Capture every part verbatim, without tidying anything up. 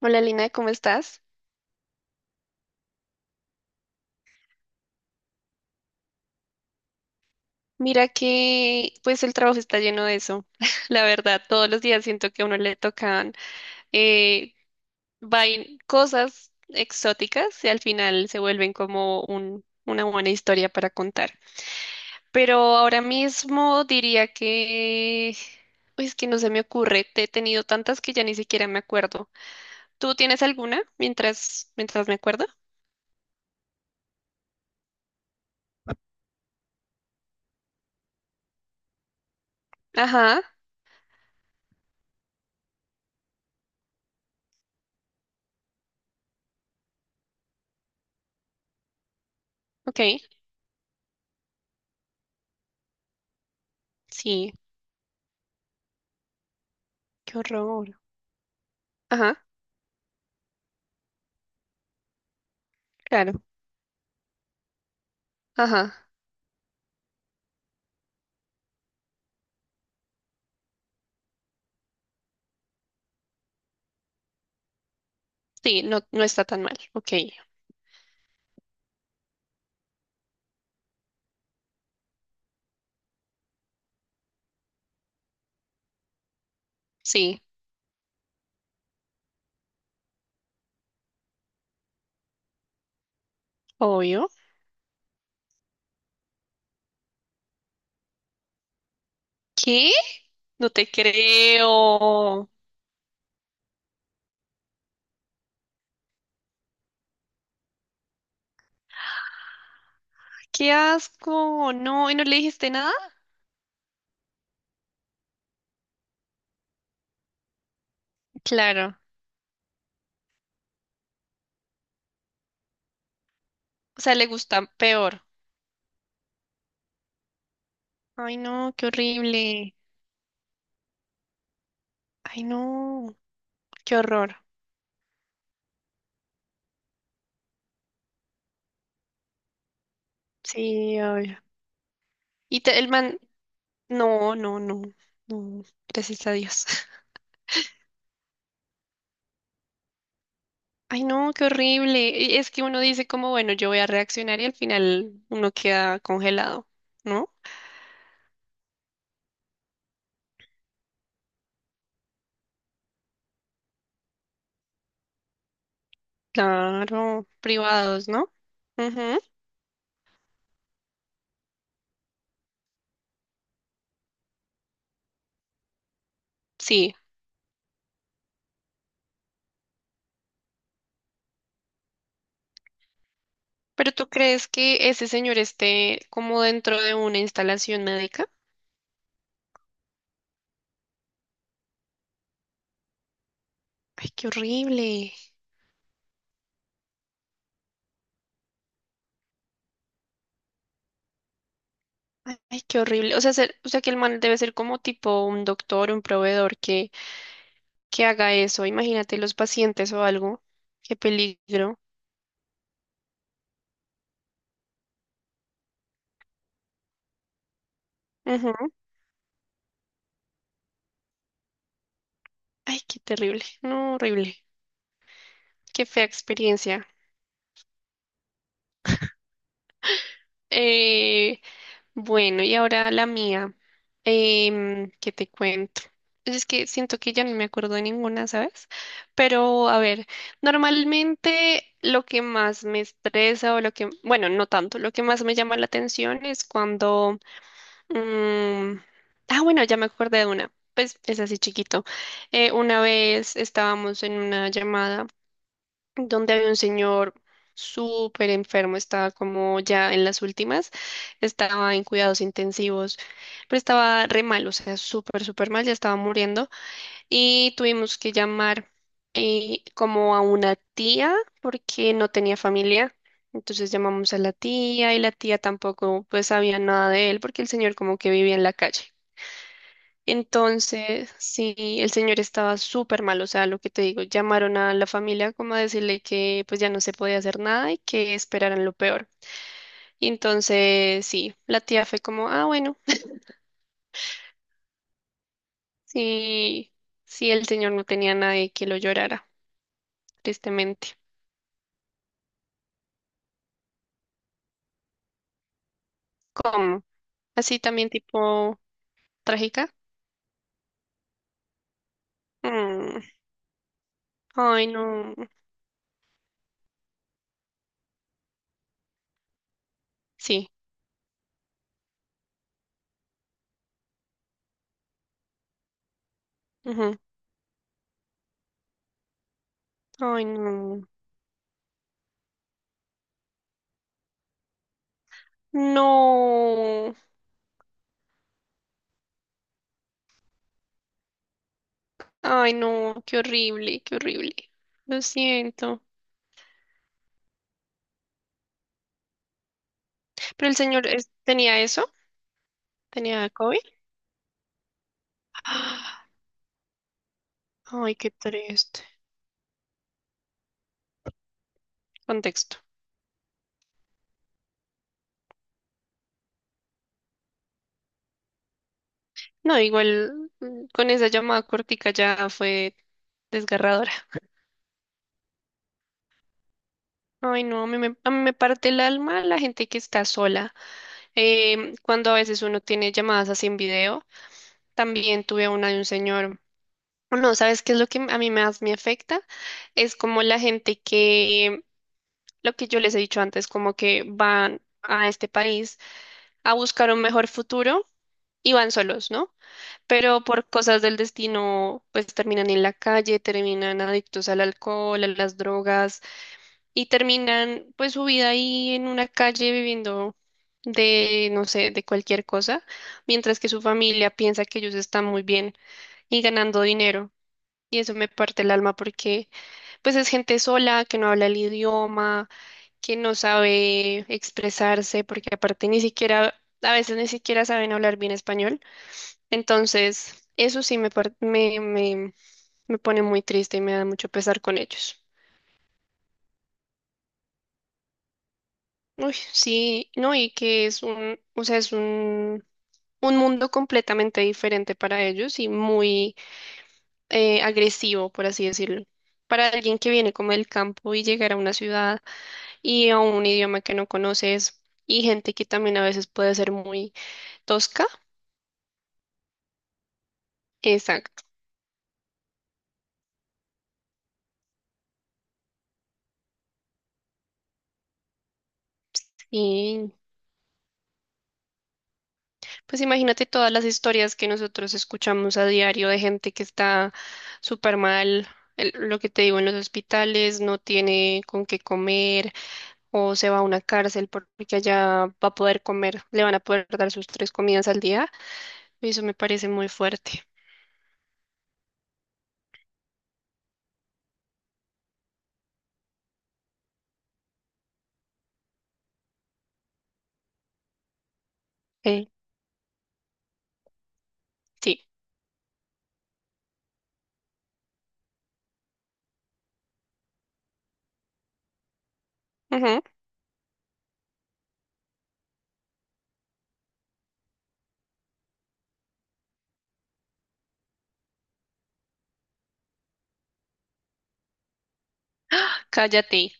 Hola Lina, ¿cómo estás? Mira que pues el trabajo está lleno de eso. La verdad, todos los días siento que a uno le tocan eh, vain- cosas exóticas y al final se vuelven como un, una buena historia para contar. Pero ahora mismo diría que pues que no se me ocurre. Te he tenido tantas que ya ni siquiera me acuerdo. ¿Tú tienes alguna mientras mientras me acuerdo? Ajá, ok. Sí, qué horror. Ajá, claro. Ajá. Sí, no, no está tan mal. Ok, sí, obvio. ¿Qué? No te creo. Qué asco. No, ¿y no le dijiste nada? Claro. O sea, le gusta peor. Ay, no, qué horrible. Ay, no, qué horror. Sí, obvio. Y te- el man, no, no, no, no. Gracias a Dios. Ay, no, qué horrible. Y es que uno dice como, bueno, yo voy a reaccionar y al final uno queda congelado, ¿no? Claro, privados, ¿no? Ujú, sí, pero ¿tú crees que ese señor esté como dentro de una instalación médica? Ay, qué horrible. Ay, ay, qué horrible. O sea, ser- o sea, que el man debe ser como tipo un doctor, un proveedor que, que haga eso. Imagínate los pacientes o algo. Qué peligro. Ujú. Ay, qué terrible. No, horrible. Qué fea experiencia. Eh, Bueno, y ahora la mía. Em, ¿qué te cuento? Pues es que siento que ya no me acuerdo de ninguna, ¿sabes? Pero a ver, normalmente lo que más me estresa o lo que, bueno, no tanto, lo que más me llama la atención es cuando mm, ah, bueno, ya me acordé de una. Pues es así chiquito. Eh, una vez estábamos en una llamada donde había un señor súper enfermo, estaba como ya en las últimas, estaba en cuidados intensivos, pero estaba re mal, o sea, súper, súper mal, ya estaba muriendo y tuvimos que llamar eh, como a una tía porque no tenía familia. Entonces llamamos a la tía y la tía tampoco pues sabía nada de él porque el señor como que vivía en la calle. Entonces, sí, el señor estaba súper mal, o sea, lo que te digo, llamaron a la familia como a decirle que pues ya no se podía hacer nada y que esperaran lo peor. Y entonces, sí, la tía fue como, ah, bueno, sí, sí, el señor no tenía nadie que lo llorara, tristemente. ¿Cómo? Así también tipo trágica. Mm. Ay, no. Sí. Ujú. Ay, no. No. Ay, no, qué horrible, qué horrible. Lo siento. Pero el señor es- tenía eso, tenía COVID. ¡Ah! Ay, qué triste. Contexto. No, igual mm, con esa llamada cortica ya fue desgarradora. Ay, no, a mí me, a mí me parte el alma la gente que está sola. Em, cuando a veces uno tiene llamadas así en video, también tuve una de un señor. No, ¿sabes qué es lo que a mí más me afecta? Es como la gente que, lo que yo les he dicho antes, como que van a este país a buscar un mejor futuro y van solos, ¿no? Pero por cosas del destino, pues terminan en la calle, terminan adictos al alcohol, a las drogas y terminan pues su vida ahí en una calle viviendo de, no sé, de cualquier cosa, mientras que su familia piensa que ellos están muy bien y ganando dinero. Y eso me parte el alma porque pues es gente sola, que no habla el idioma, que no sabe expresarse, porque aparte ni siquiera, a veces ni siquiera saben hablar bien español. Entonces, eso sí me, par- me, me, me pone muy triste y me da mucho pesar con ellos. Uy, sí, no, y que es un, o sea, es un, un mundo completamente diferente para ellos y muy eh, agresivo, por así decirlo. Para alguien que viene como del campo y llegar a una ciudad y a un idioma que no conoces y gente que también a veces puede ser muy tosca. Exacto. Pues imagínate todas las historias que nosotros escuchamos a diario de gente que está súper mal, el- lo que te digo en los hospitales, no tiene con qué comer o se va a una cárcel por- porque allá va a poder comer, le van a poder dar sus tres comidas al día. Y eso me parece muy fuerte. Eh, sí. Ujú. Cállate.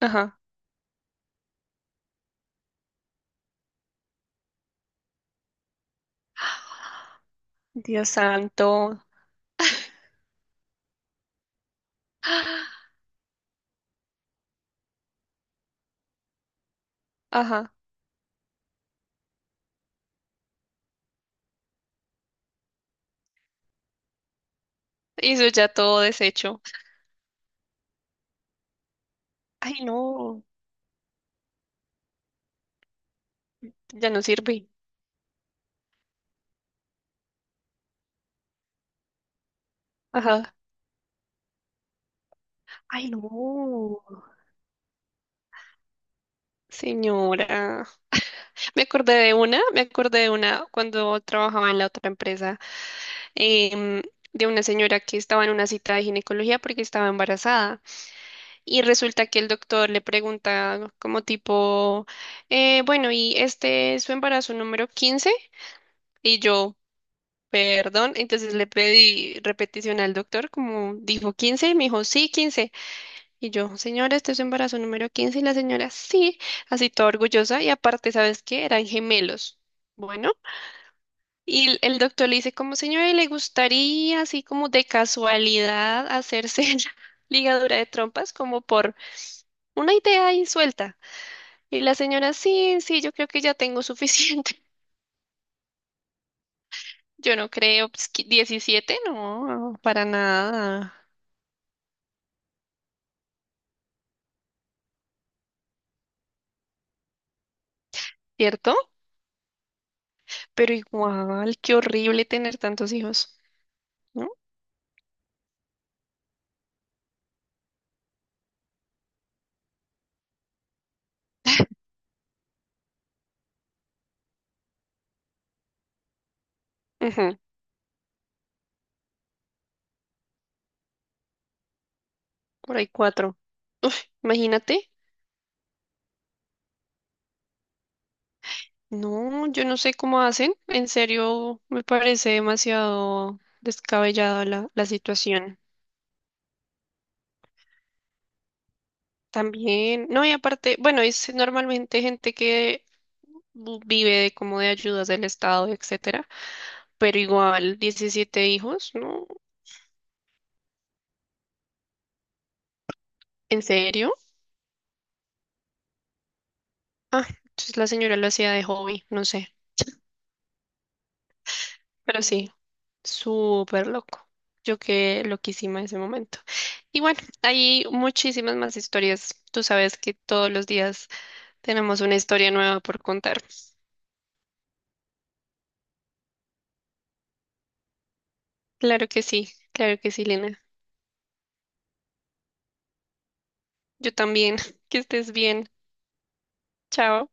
Ajá. Dios santo. Ajá. Eso ya todo deshecho. Ay, no, ya no sirve. Ajá. Ay, no. Señora, me acordé de una, me acordé de una cuando trabajaba en la otra empresa, em, de una señora que estaba en una cita de ginecología porque estaba embarazada y resulta que el doctor le pregunta como tipo, eh, bueno, ¿y este es su embarazo número quince? Y yo, perdón, entonces le pedí repetición al doctor como dijo quince, y me dijo, sí, quince. Y yo, señora, este es su embarazo número quince. Y la señora, sí, así toda orgullosa. Y aparte, ¿sabes qué? Eran gemelos. Bueno, y el el doctor le dice, como señora, ¿le gustaría así como de casualidad hacerse la ligadura de trompas como por una idea ahí suelta? Y la señora, sí, sí, yo creo que ya tengo suficiente. Yo no creo, pues, que diecisiete, no, para nada, ¿cierto? Pero igual, qué horrible tener tantos hijos, ¿no? Por ahí cuatro. Uf, imagínate. No, yo no sé cómo hacen. En serio, me parece demasiado descabellada la, la situación. También, no, y aparte, bueno, es normalmente gente que bu- vive de como de ayudas del Estado, etcétera, pero igual diecisiete hijos, ¿no? ¿En serio? Ah, entonces la señora lo hacía de hobby, no sé, pero sí. Súper loco. Yo quedé loquísima en ese momento. Y bueno, hay muchísimas más historias. Tú sabes que todos los días tenemos una historia nueva por contar. Claro que sí, claro que sí, Lina. Yo también. Que estés bien. Chao.